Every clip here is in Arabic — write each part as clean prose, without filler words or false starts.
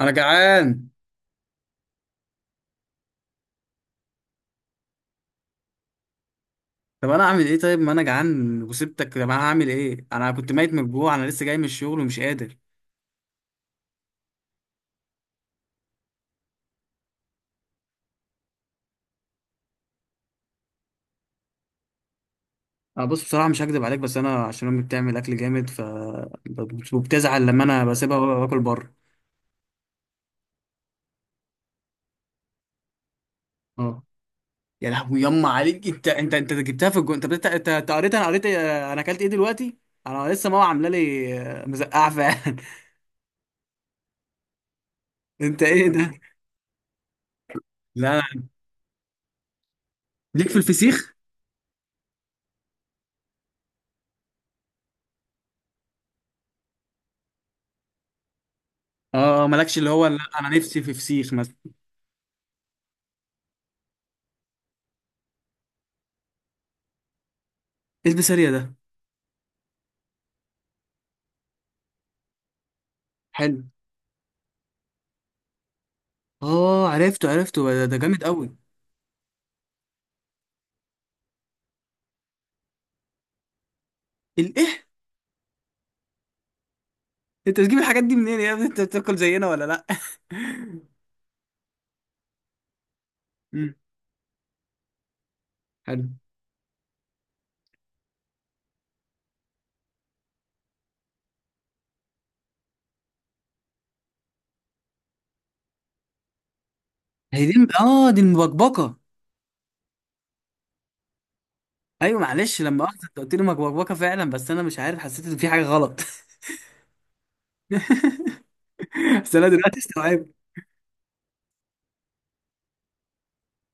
انا جعان. طب انا اعمل ايه؟ طيب ما انا جعان وسبتك. طب انا هعمل ايه؟ انا كنت ميت من الجوع، انا لسه جاي من الشغل ومش قادر. انا بص بصراحه مش هكدب عليك، بس انا عشان امي بتعمل اكل جامد ف وبتزعل لما انا بسيبها واكل بره. اه، يا لهوي يما عليك. انت انت جبتها في الجو. انت انت قريت؟ انا قريت إيه؟ انا اكلت ايه دلوقتي؟ انا لسه ماما عامله لي مزقعه فعلا. انت ايه ده؟ لا، ليك في الفسيخ؟ اه مالكش. اللي هو لا، انا نفسي في فسيخ مثلا. ايه البسارية ده؟ حلو. اه عرفته عرفته. ده، ده جامد قوي. الايه؟ انت بتجيب الحاجات دي منين يا ابني؟ انت بتاكل زينا ولا لا؟ امم حلو. هي دي؟ اه دي المبكبكه. ايوه معلش، لما اخذت انت قلت لي مبكبكه فعلا، بس انا مش عارف، حسيت ان في حاجه غلط. بس انا دلوقتي استوعبت.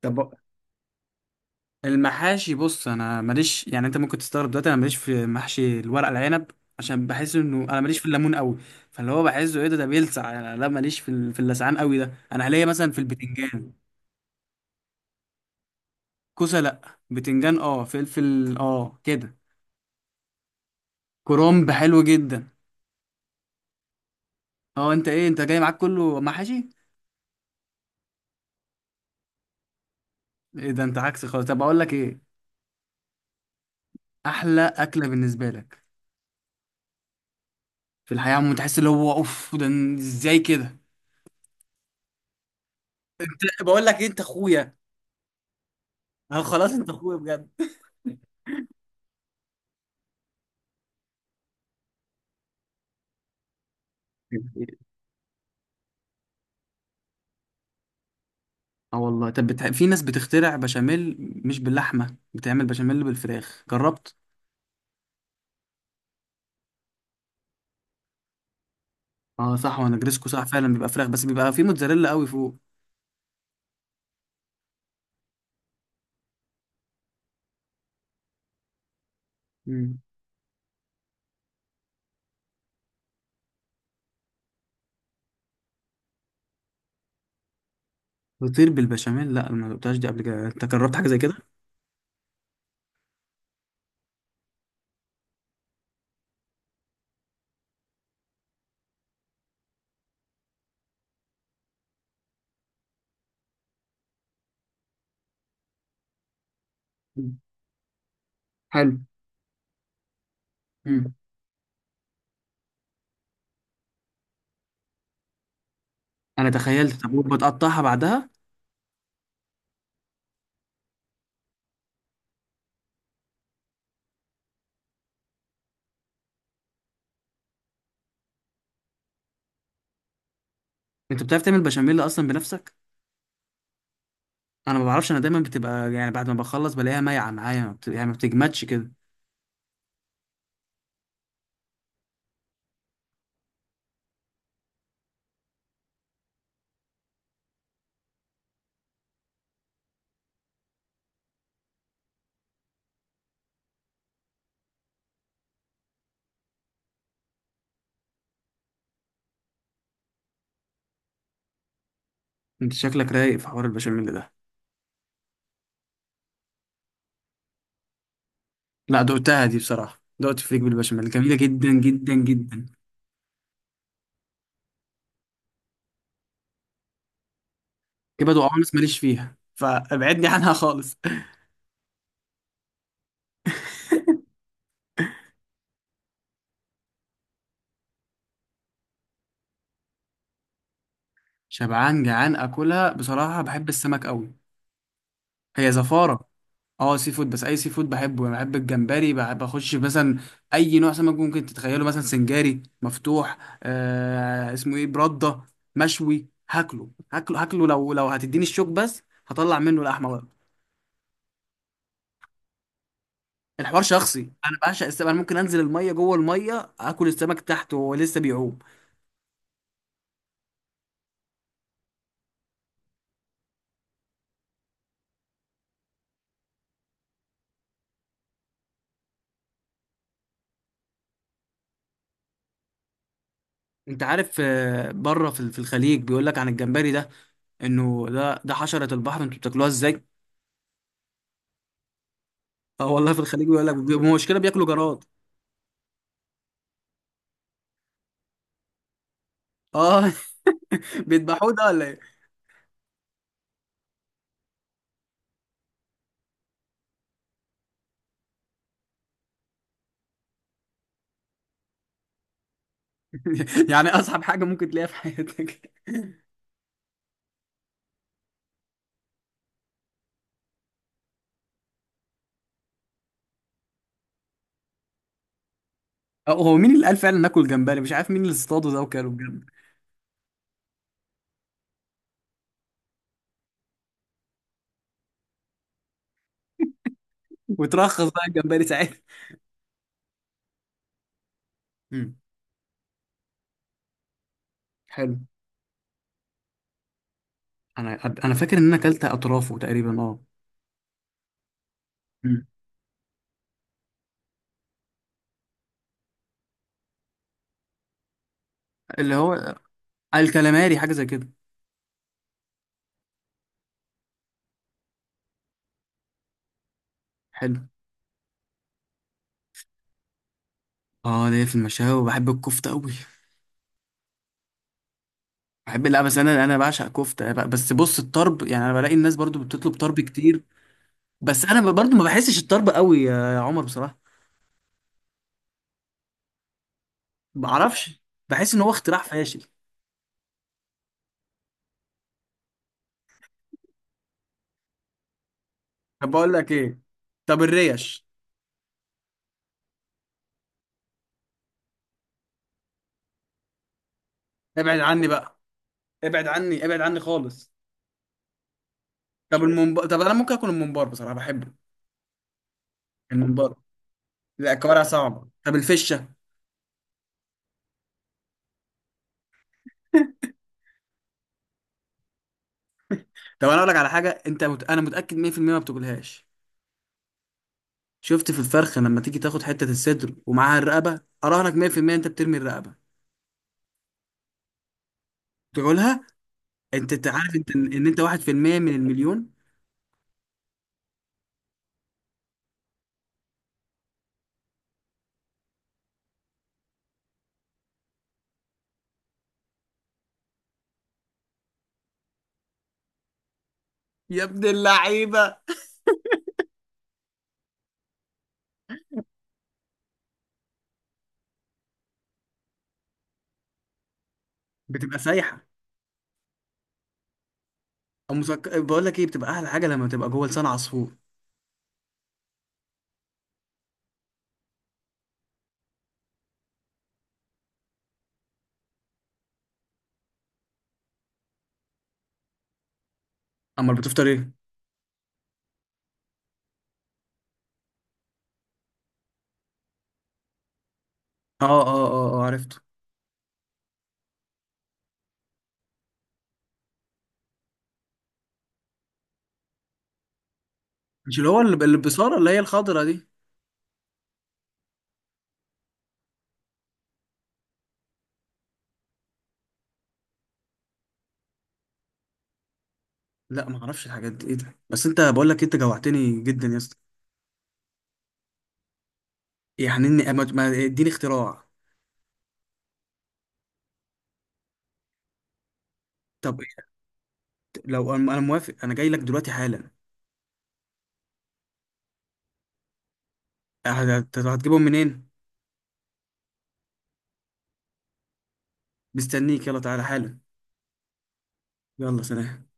طب المحاشي، بص انا ماليش. يعني انت ممكن تستغرب دلوقتي، انا ماليش في محشي الورق العنب، عشان بحس انه انا ماليش في الليمون قوي. فاللي هو بحسه ايه؟ ده ده بيلسع يعني. لا ماليش في في اللسعان قوي ده. انا ليا مثلا في البتنجان. كوسه لا، بتنجان اه، فلفل اه، كده. كرنب حلو جدا. اه، انت ايه؟ انت جاي معاك كله محاشي؟ ايه ده؟ انت عكسي خالص. طب اقول لك ايه، احلى اكله بالنسبه لك في الحياه. تحس اللي هو اوف، ده ازاي كده؟ بقول لك ايه، انت اخويا. اه خلاص، انت اخويا بجد. اه والله. طب في ناس بتخترع بشاميل، مش باللحمه، بتعمل بشاميل بالفراخ. جربت؟ اه صح. وانا جريسكو صح، فعلا بيبقى فراخ، بس بيبقى فيه موتزاريلا قوي فوق. مم. فطير بالبشاميل؟ لا، ما دقتهاش دي قبل كده. انت جربت حاجه زي كده؟ مم. حلو. مم. انا تخيلت. طب بتقطعها بعدها؟ انت بتعرف تعمل بشاميل اصلا بنفسك؟ انا ما بعرفش، انا دايما بتبقى يعني بعد ما بخلص بلاقيها مايعه معايا، ما بت... يعني ما بتجمدش كده. انت شكلك رايق في حوار البشاميل ده. لا دقتها، دي بصراحه، دقت فريك بالبشاميل، جميله جدا جدا جدا. كبد وقوانص ماليش فيها، فابعدني عنها خالص. شبعان جعان اكلها. بصراحه بحب السمك قوي. هي زفاره. اه سي فود، بس اي سي فود بحبه. يعني بحب الجمبري، بحب اخش في مثلا اي نوع سمك ممكن تتخيله. مثلا سنجاري مفتوح اسمه ايه برده، مشوي، هاكله هاكله لو لو هتديني الشوك بس، هطلع منه لحمه بقى. الحوار شخصي، انا بعشق السمك. انا ممكن انزل الميه، جوه الميه اكل السمك تحت وهو لسه بيعوم. انت عارف بره في في الخليج بيقول لك عن الجمبري ده انه ده ده حشره البحر، انتوا بتاكلوها ازاي؟ اه والله، في الخليج بيقول لك مشكله، بياكلوا جراد. اه. بيذبحوه ده ولا ايه؟ يعني اصعب حاجه ممكن تلاقيها في حياتك. هو مين اللي قال فعلا ناكل جمبري؟ مش عارف مين اللي اصطاده ده وكله بجد. وترخص بقى الجمبري ساعتها. امم حلو. انا فاكر ان انا اكلت اطرافه تقريبا، اه. أمم. اللي هو الكلاماري، حاجه زي كده. حلو. اه، ليا في المشاوي، وبحب الكفته قوي. بحب، لا بس انا بعشق كفته، بس بص، الطرب يعني، انا بلاقي الناس برضو بتطلب طرب كتير. بس انا برضو ما بحسش الطرب قوي يا عمر بصراحه. ما بعرفش، بحس ان هو اختراع فاشل. طب بقول لك ايه، طب الريش؟ ابعد عني بقى، ابعد عني، ابعد عني خالص. طب طب انا ممكن اكل الممبار، بصراحه بحبه. الممبار. لا الكوارع صعبه. طب الفشه؟ طب انا اقول لك على حاجه، انت انا متاكد 100% ما بتاكلهاش. شفت في الفرخه لما تيجي تاخد حته الصدر ومعاها الرقبه، اراهنك 100% انت بترمي الرقبه. تقولها؟ انت انت عارف انت إن انت 1% من المليون. يا ابن اللعيبه، بتبقى سايحه؟ او بقول لك ايه، بتبقى احلى حاجه لما تبقى جوه لسان عصفور. امال بتفطر ايه؟ اه عرفت. مش اللي هو اللي بصارة، اللي هي الخضرة دي؟ لا ما اعرفش الحاجات دي ايه ده، بس انت بقول لك، انت جوعتني جدا يا اسطى. يعني اني اديني اختراع. طب لو انا موافق، انا جاي لك دلوقتي حالا. هتجيبهم منين؟ مستنيك، يلا تعالى حالا. يلا سلام.